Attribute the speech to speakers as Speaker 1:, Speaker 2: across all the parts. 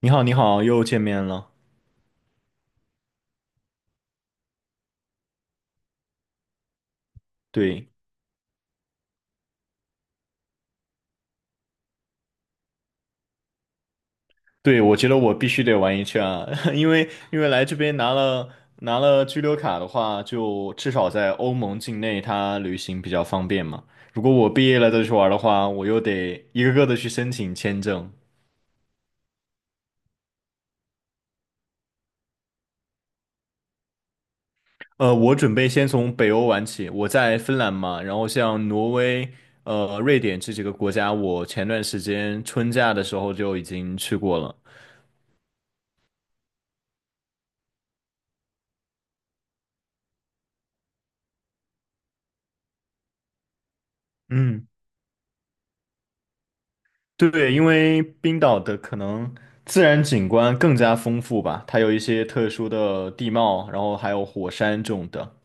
Speaker 1: 你好，你好，又见面了。对，对，我觉得我必须得玩一圈啊，因为来这边拿了居留卡的话，就至少在欧盟境内，它旅行比较方便嘛。如果我毕业了再去玩的话，我又得一个个的去申请签证。我准备先从北欧玩起，我在芬兰嘛，然后像挪威、瑞典这几个国家，我前段时间春假的时候就已经去过了。嗯，对，因为冰岛的可能自然景观更加丰富吧，它有一些特殊的地貌，然后还有火山这种的。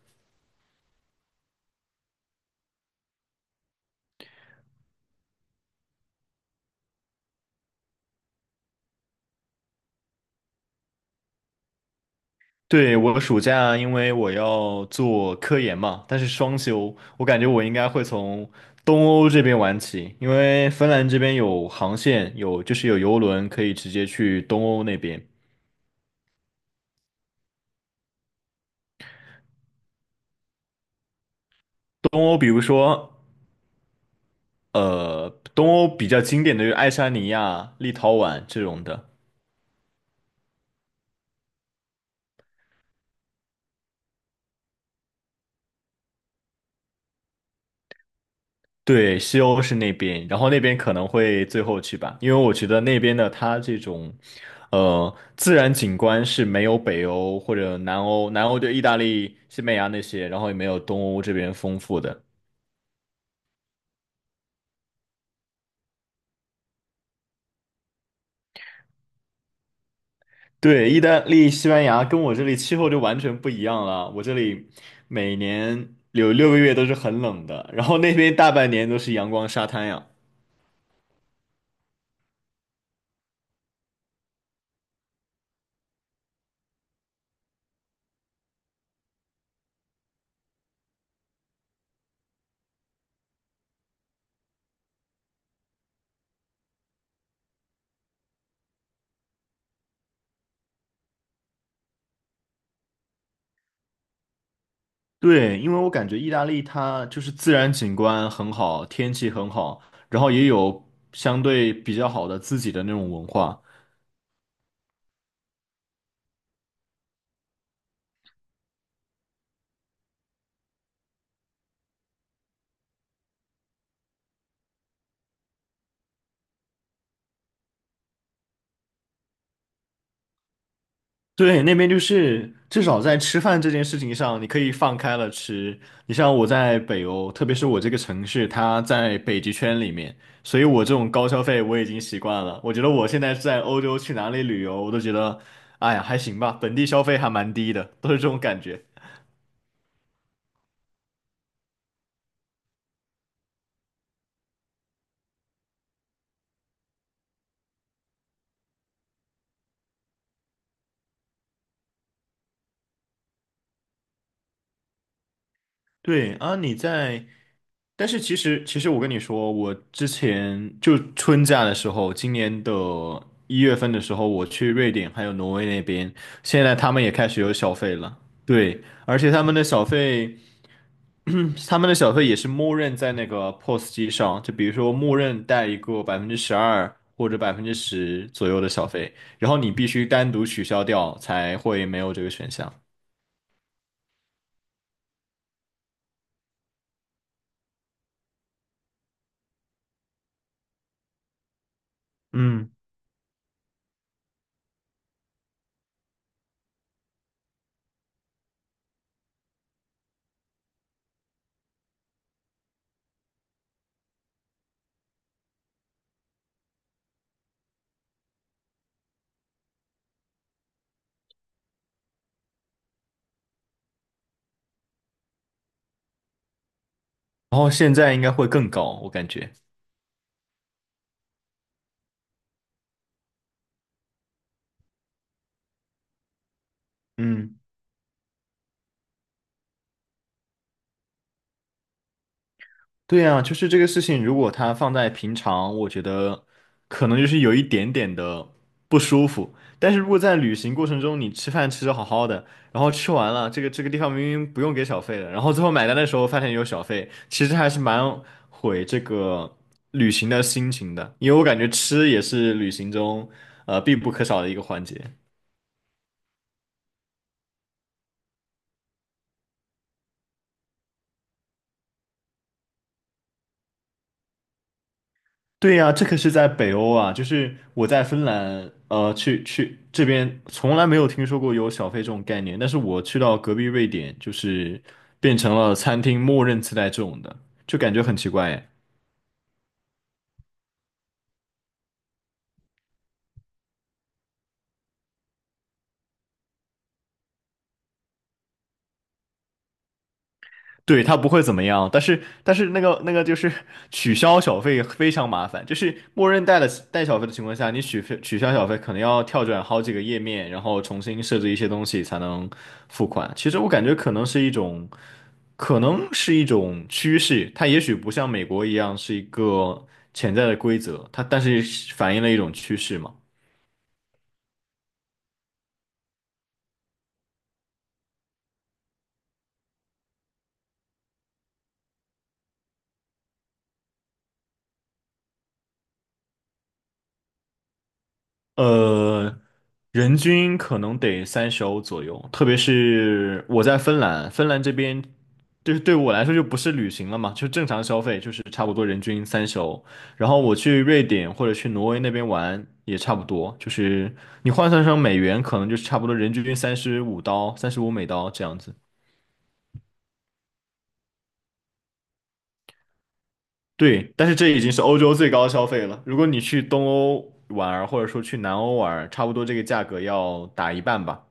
Speaker 1: 对，我暑假因为我要做科研嘛，但是双休，我感觉我应该会从东欧这边玩起，因为芬兰这边有航线，有就是有游轮可以直接去东欧那边。东欧比如说，呃，东欧比较经典的就是爱沙尼亚、立陶宛这种的。对，西欧是那边，然后那边可能会最后去吧，因为我觉得那边的它这种，自然景观是没有北欧或者南欧，南欧就意大利、西班牙那些，然后也没有东欧这边丰富的。对，意大利、西班牙跟我这里气候就完全不一样了，我这里每年有6个月都是很冷的，然后那边大半年都是阳光沙滩呀。对，因为我感觉意大利它就是自然景观很好，天气很好，然后也有相对比较好的自己的那种文化。对，那边就是至少在吃饭这件事情上，你可以放开了吃。你像我在北欧，特别是我这个城市，它在北极圈里面，所以我这种高消费我已经习惯了。我觉得我现在在欧洲去哪里旅游，我都觉得，哎呀，还行吧，本地消费还蛮低的，都是这种感觉。对啊，但是其实我跟你说，我之前就春假的时候，今年的1月份的时候，我去瑞典还有挪威那边，现在他们也开始有小费了。对，而且他们的小费，嗯，他们的小费也是默认在那个 POS 机上，就比如说默认带一个12%或者百分之十左右的小费，然后你必须单独取消掉才会没有这个选项。嗯，然后现在应该会更高，我感觉。嗯。对呀，就是这个事情，如果它放在平常，我觉得可能就是有一点点的不舒服。但是如果在旅行过程中，你吃饭吃的好好的，然后吃完了，这个地方明明不用给小费的，然后最后买单的时候发现有小费，其实还是蛮毁这个旅行的心情的，因为我感觉吃也是旅行中必不可少的一个环节。对呀，这可是在北欧啊，就是我在芬兰，去这边从来没有听说过有小费这种概念，但是我去到隔壁瑞典，就是变成了餐厅默认自带这种的，就感觉很奇怪耶对，他不会怎么样，但是那个就是取消小费非常麻烦，就是默认带小费的情况下，你取消小费可能要跳转好几个页面，然后重新设置一些东西才能付款。其实我感觉可能是一种趋势，它也许不像美国一样是一个潜在的规则，它但是反映了一种趋势嘛。呃，人均可能得三十欧左右，特别是我在芬兰，芬兰这边就是对我来说就不是旅行了嘛，就正常消费，就是差不多人均三十欧。然后我去瑞典或者去挪威那边玩也差不多，就是你换算成美元，可能就是差不多人均35刀、35美刀这样子。对，但是这已经是欧洲最高消费了。如果你去东欧玩儿，或者说去南欧玩儿差不多这个价格要打一半吧。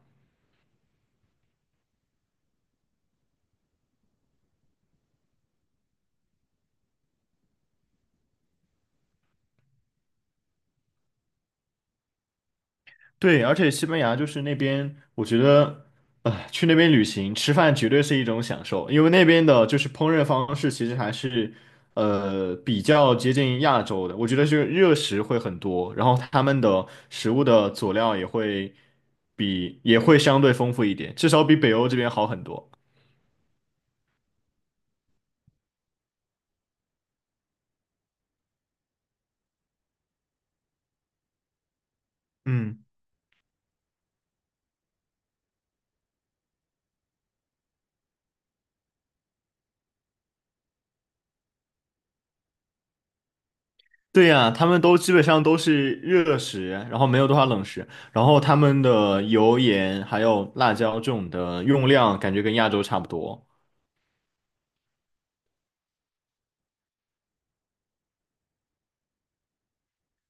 Speaker 1: 对，而且西班牙就是那边，我觉得，去那边旅行吃饭绝对是一种享受，因为那边的就是烹饪方式其实还是，比较接近亚洲的。我觉得就是热食会很多，然后他们的食物的佐料也会也会相对丰富一点，至少比北欧这边好很多。嗯，对呀，他们都基本上都是热食，然后没有多少冷食，然后他们的油盐还有辣椒这种的用量感觉跟亚洲差不多。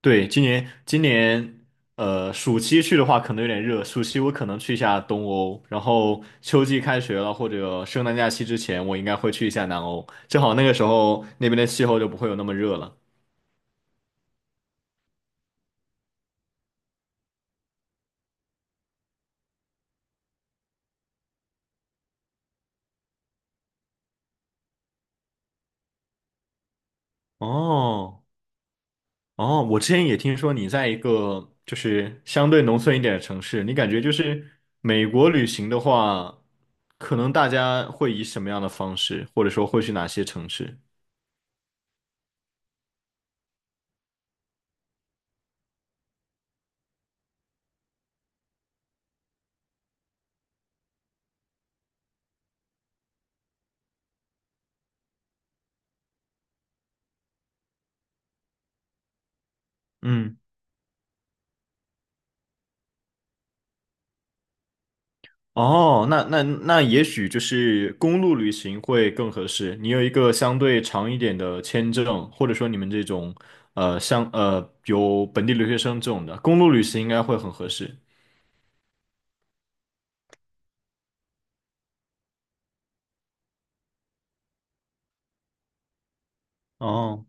Speaker 1: 对，今年暑期去的话可能有点热，暑期我可能去一下东欧，然后秋季开学了或者圣诞假期之前，我应该会去一下南欧，正好那个时候那边的气候就不会有那么热了。哦哦，我之前也听说你在一个就是相对农村一点的城市，你感觉就是美国旅行的话，可能大家会以什么样的方式，或者说会去哪些城市？嗯。哦，那也许就是公路旅行会更合适。你有一个相对长一点的签证，或者说你们这种像有本地留学生这种的，公路旅行应该会很合适。哦，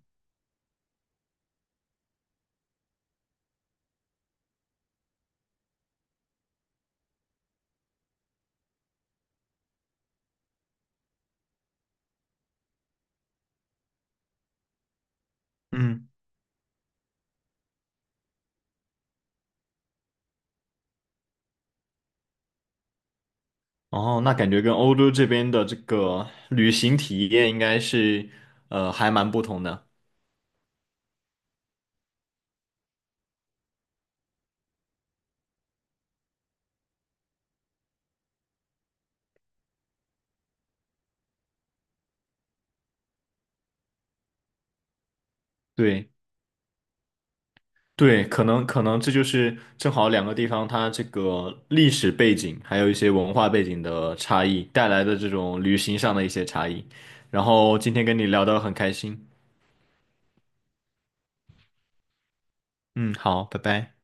Speaker 1: 嗯，哦，那感觉跟欧洲这边的这个旅行体验应该是还蛮不同的。对。对，可能这就是正好两个地方它这个历史背景，还有一些文化背景的差异带来的这种旅行上的一些差异。然后今天跟你聊得很开心，嗯，好，拜拜。